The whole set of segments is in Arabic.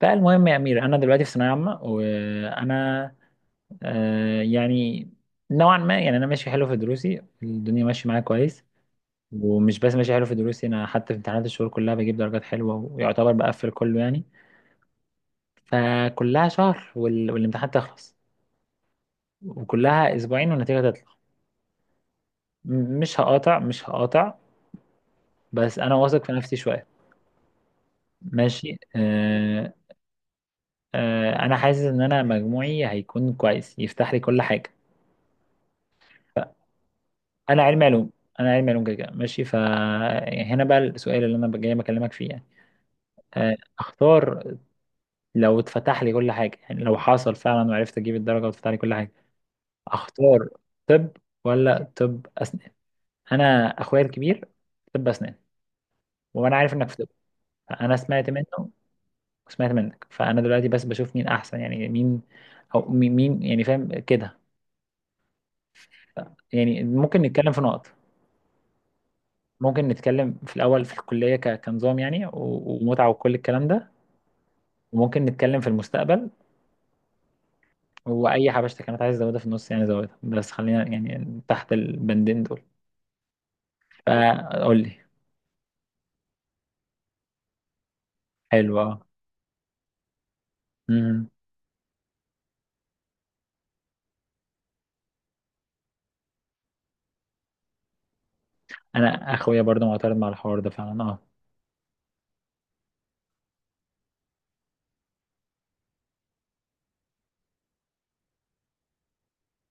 فالمهم يا أمير، أنا دلوقتي في ثانوية عامة. وأنا يعني نوعا ما، يعني أنا ماشي حلو في دروسي، الدنيا ماشية معايا كويس. ومش بس ماشي حلو في دروسي، أنا حتى في امتحانات الشهور كلها بجيب درجات حلوة، ويعتبر بقفل كله يعني. فكلها شهر والامتحان تخلص، وكلها أسبوعين والنتيجة تطلع. مش هقاطع، مش هقاطع. بس أنا واثق في نفسي شوية. ماشي آه. أنا حاسس إن أنا مجموعي هيكون كويس، يفتح لي كل حاجة. انا علمي علوم. انا علمي علوم كده كده، ماشي. فهنا بقى السؤال اللي انا جاي بكلمك فيه يعني. اختار. لو اتفتح لي كل حاجه، يعني لو حصل فعلا وعرفت اجيب الدرجه واتفتح لي كل حاجه، اختار طب ولا طب اسنان. انا اخويا الكبير طب اسنان، وانا عارف انك في طب، فانا سمعت منه وسمعت منك. فانا دلوقتي بس بشوف مين احسن، يعني مين، او يعني فاهم كده. ف- يعني ممكن نتكلم في نقط. ممكن نتكلم في الاول في الكليه كنظام، ومتعه وكل الكلام ده. وممكن نتكلم في المستقبل. واي حبشتك كانت عايز ازودها في النص يعني زودها، بس خلينا يعني تحت البندين دول. فقول لي. حلو اه. أمم. انا اخويا برضه معترض مع الحوار ده فعلا اه.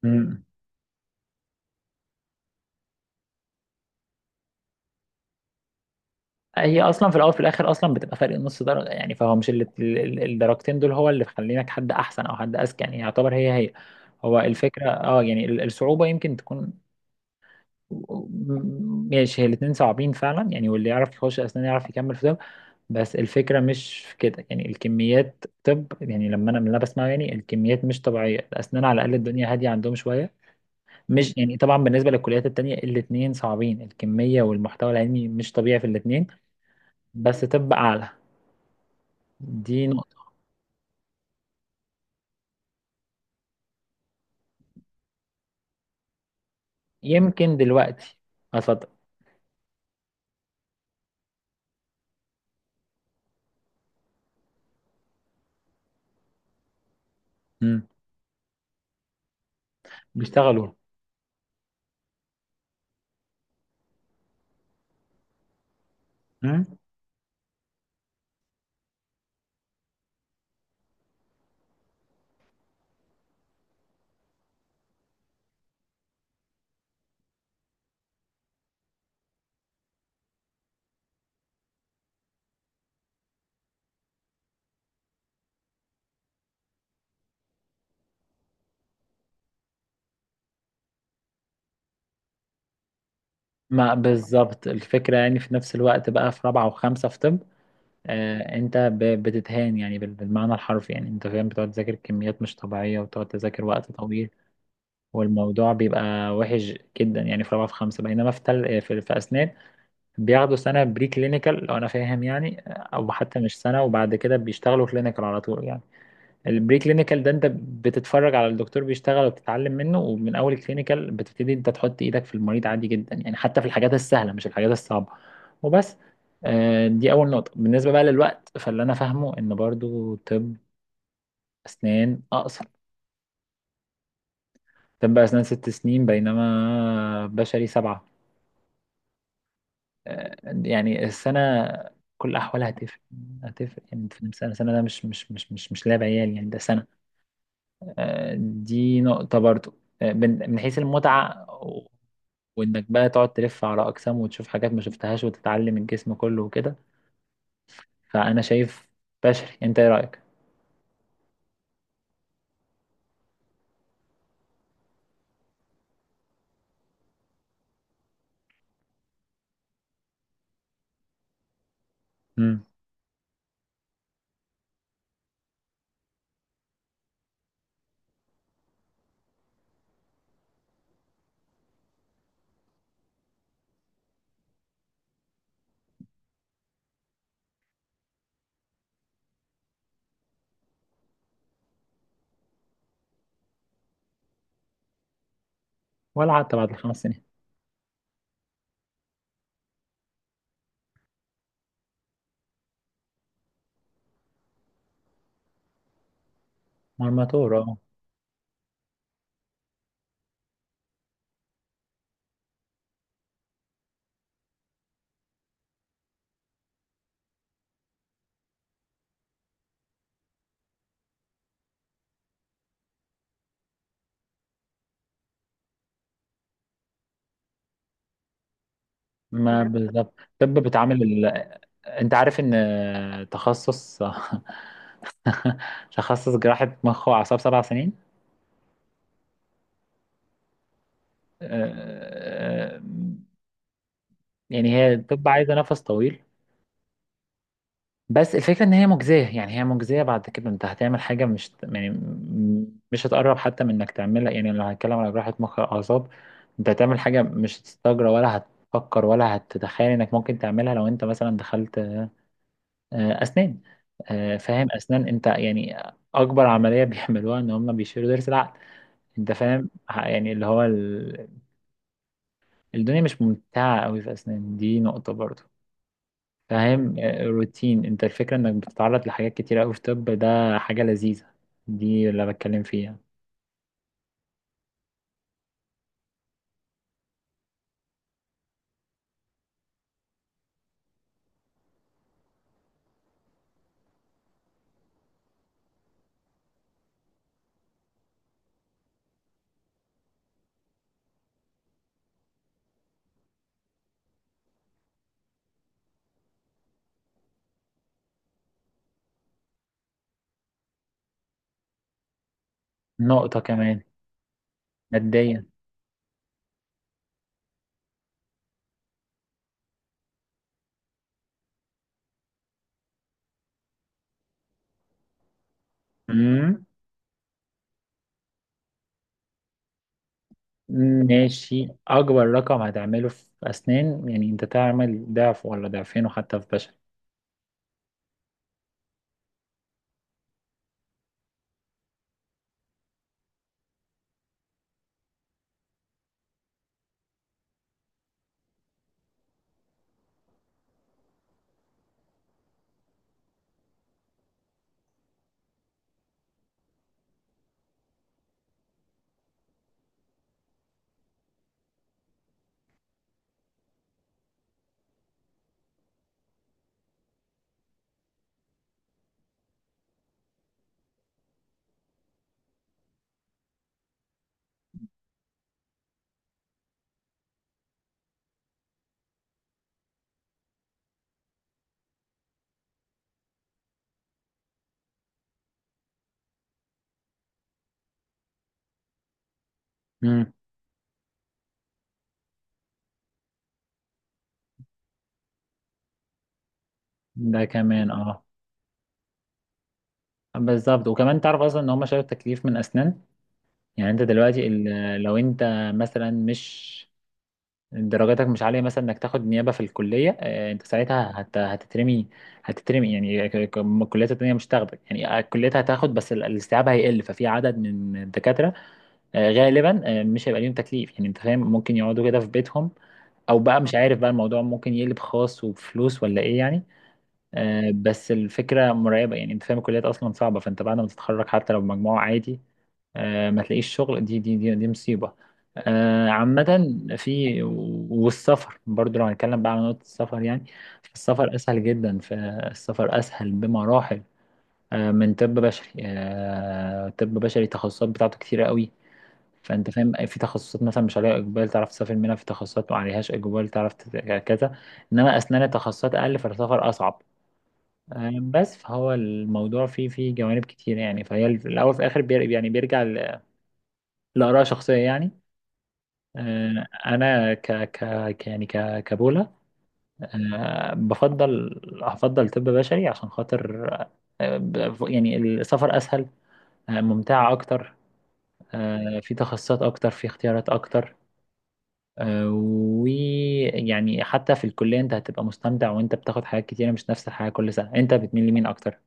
أمم. هي اصلا في الاول في الاخر اصلا بتبقى فرق نص درجه يعني، فهو مش الدرجتين دول هو اللي بيخلينك حد احسن او حد اذكى، يعني يعتبر هي هي. هو الفكره اه يعني الصعوبه يمكن تكون. ماشي، هي الاثنين صعبين فعلا يعني، واللي يعرف يخش اسنان يعرف يكمل في ده. بس الفكرة مش في كده، يعني الكميات طب يعني، لما أنا من اللي أنا بسمعه يعني الكميات مش طبيعية. الأسنان على الأقل الدنيا هادية عندهم شوية. مش يعني طبعا، بالنسبة للكليات التانية الاتنين صعبين، الكمية والمحتوى العلمي مش طبيعي في الاتنين. بس طب أعلى. دي نقطة. يمكن دلوقتي. اتفضل. مم. بيشتغلوا. مم. ما بالظبط الفكرة، يعني في نفس الوقت بقى في رابعة وخمسة في طب، انت بتتهان يعني بالمعنى الحرفي يعني انت فاهم، بتقعد تذاكر كميات مش طبيعية وتقعد تذاكر وقت طويل. والموضوع بيبقى وحش جدا يعني في رابعة في خمسة. بينما في أسنان بياخدوا سنة بري كلينيكال لو أنا فاهم يعني، أو حتى مش سنة، وبعد كده بيشتغلوا كلينيكال على طول يعني. البري كلينيكال ده أنت بتتفرج على الدكتور بيشتغل وبتتعلم منه، ومن أول الكلينيكال بتبتدي أنت تحط إيدك في المريض عادي جدا يعني، حتى في الحاجات السهلة مش الحاجات الصعبة. وبس. دي أول نقطة. بالنسبة بقى للوقت، فاللي أنا فاهمه إن برضو طب أسنان أقصر. طب أسنان ست سنين بينما بشري سبعة. آه، يعني السنة كل أحوالها هتفرق. هتفرق يعني أنت فاهم، سنة سنة ده مش لعب عيال يعني، ده سنة. دي نقطة برضو. من حيث المتعة، وإنك بقى تقعد تلف على أقسام وتشوف حاجات ما شفتهاش وتتعلم الجسم كله وكده. فأنا شايف بشري. أنت إيه رأيك؟ مم. ولا حتى بعد الخمس سنين. مرمطور اه. ما بالظبط. طب بتعامل انت عارف ان تخصص تخصص جراحة مخ واعصاب سبع سنين. آه، آه، يعني هي الطب عايزة نفس طويل. بس الفكرة إن هي مجزية، يعني هي مجزية، بعد كده أنت هتعمل حاجة، مش يعني مش هتقرب حتى من إنك تعملها، يعني لو هنتكلم على جراحة مخ أعصاب أنت هتعمل حاجة مش هتستجرى ولا هتفكر ولا هتتخيل إنك ممكن تعملها لو أنت مثلا دخلت أسنان. فاهم، أسنان أنت يعني أكبر عملية بيعملوها إن هم بيشيلوا ضرس العقل. أنت فاهم، يعني اللي هو الدنيا مش ممتعة أوي في أسنان، دي نقطة برضو. فاهم، روتين. انت الفكرة انك بتتعرض لحاجات كتيرة اوي في طب، ده حاجة لذيذة. دي اللي بتكلم فيها. نقطة كمان: ماديا. امم. ماشي، اكبر رقم هتعمله في اسنان يعني انت تعمل ضعف ولا ضعفين وحتى في بشر. امم. ده كمان اه. بالظبط، وكمان تعرف اصلا ان هم شالوا التكليف من اسنان. يعني انت دلوقتي لو انت مثلا مش، درجاتك مش عالية مثلا، انك تاخد نيابة في الكلية. انت ساعتها هتترمي. هتترمي يعني، الكليات التانية مش هتاخدك يعني. الكليات هتاخد بس الاستيعاب هيقل، ففي عدد من الدكاترة غالبا مش هيبقى ليهم تكليف، يعني انت فاهم ممكن يقعدوا كده في بيتهم، او بقى مش عارف، بقى الموضوع ممكن يقلب خاص وبفلوس ولا ايه يعني. بس الفكرة مرعبة يعني انت فاهم، الكليات اصلا صعبة، فانت بعد ما تتخرج حتى لو بمجموع عادي ما تلاقيش شغل. دي مصيبة عامة. في، والسفر برضو لو هنتكلم بقى على نقطة السفر يعني السفر أسهل جدا، فالسفر أسهل بمراحل من طب بشري. طب بشري التخصصات بتاعته كتيرة قوي، فأنت فاهم في تخصصات مثلا مش عليها إقبال تعرف تسافر منها، في تخصصات ما عليهاش إقبال تعرف كذا. إنما أسنان تخصصات أقل فالسفر أصعب. بس فهو الموضوع فيه جوانب كتيرة يعني، فهي الأول في الآخر يعني بيرجع لآراء شخصية يعني. آه، انا ك ك ك- يعني ك كبولا، بفضل، هفضل طب بشري عشان خاطر يعني السفر اسهل، ممتعة اكتر، في تخصصات اكتر، في اختيارات اكتر. ويعني حتى في الكلية انت هتبقى مستمتع وانت بتاخد حاجات كتيرة مش نفس الحاجة كل سنة. انت بتميل لمين اكتر؟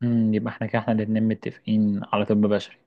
مم، يبقى احنا كده احنا الاتنين متفقين على طب بشري.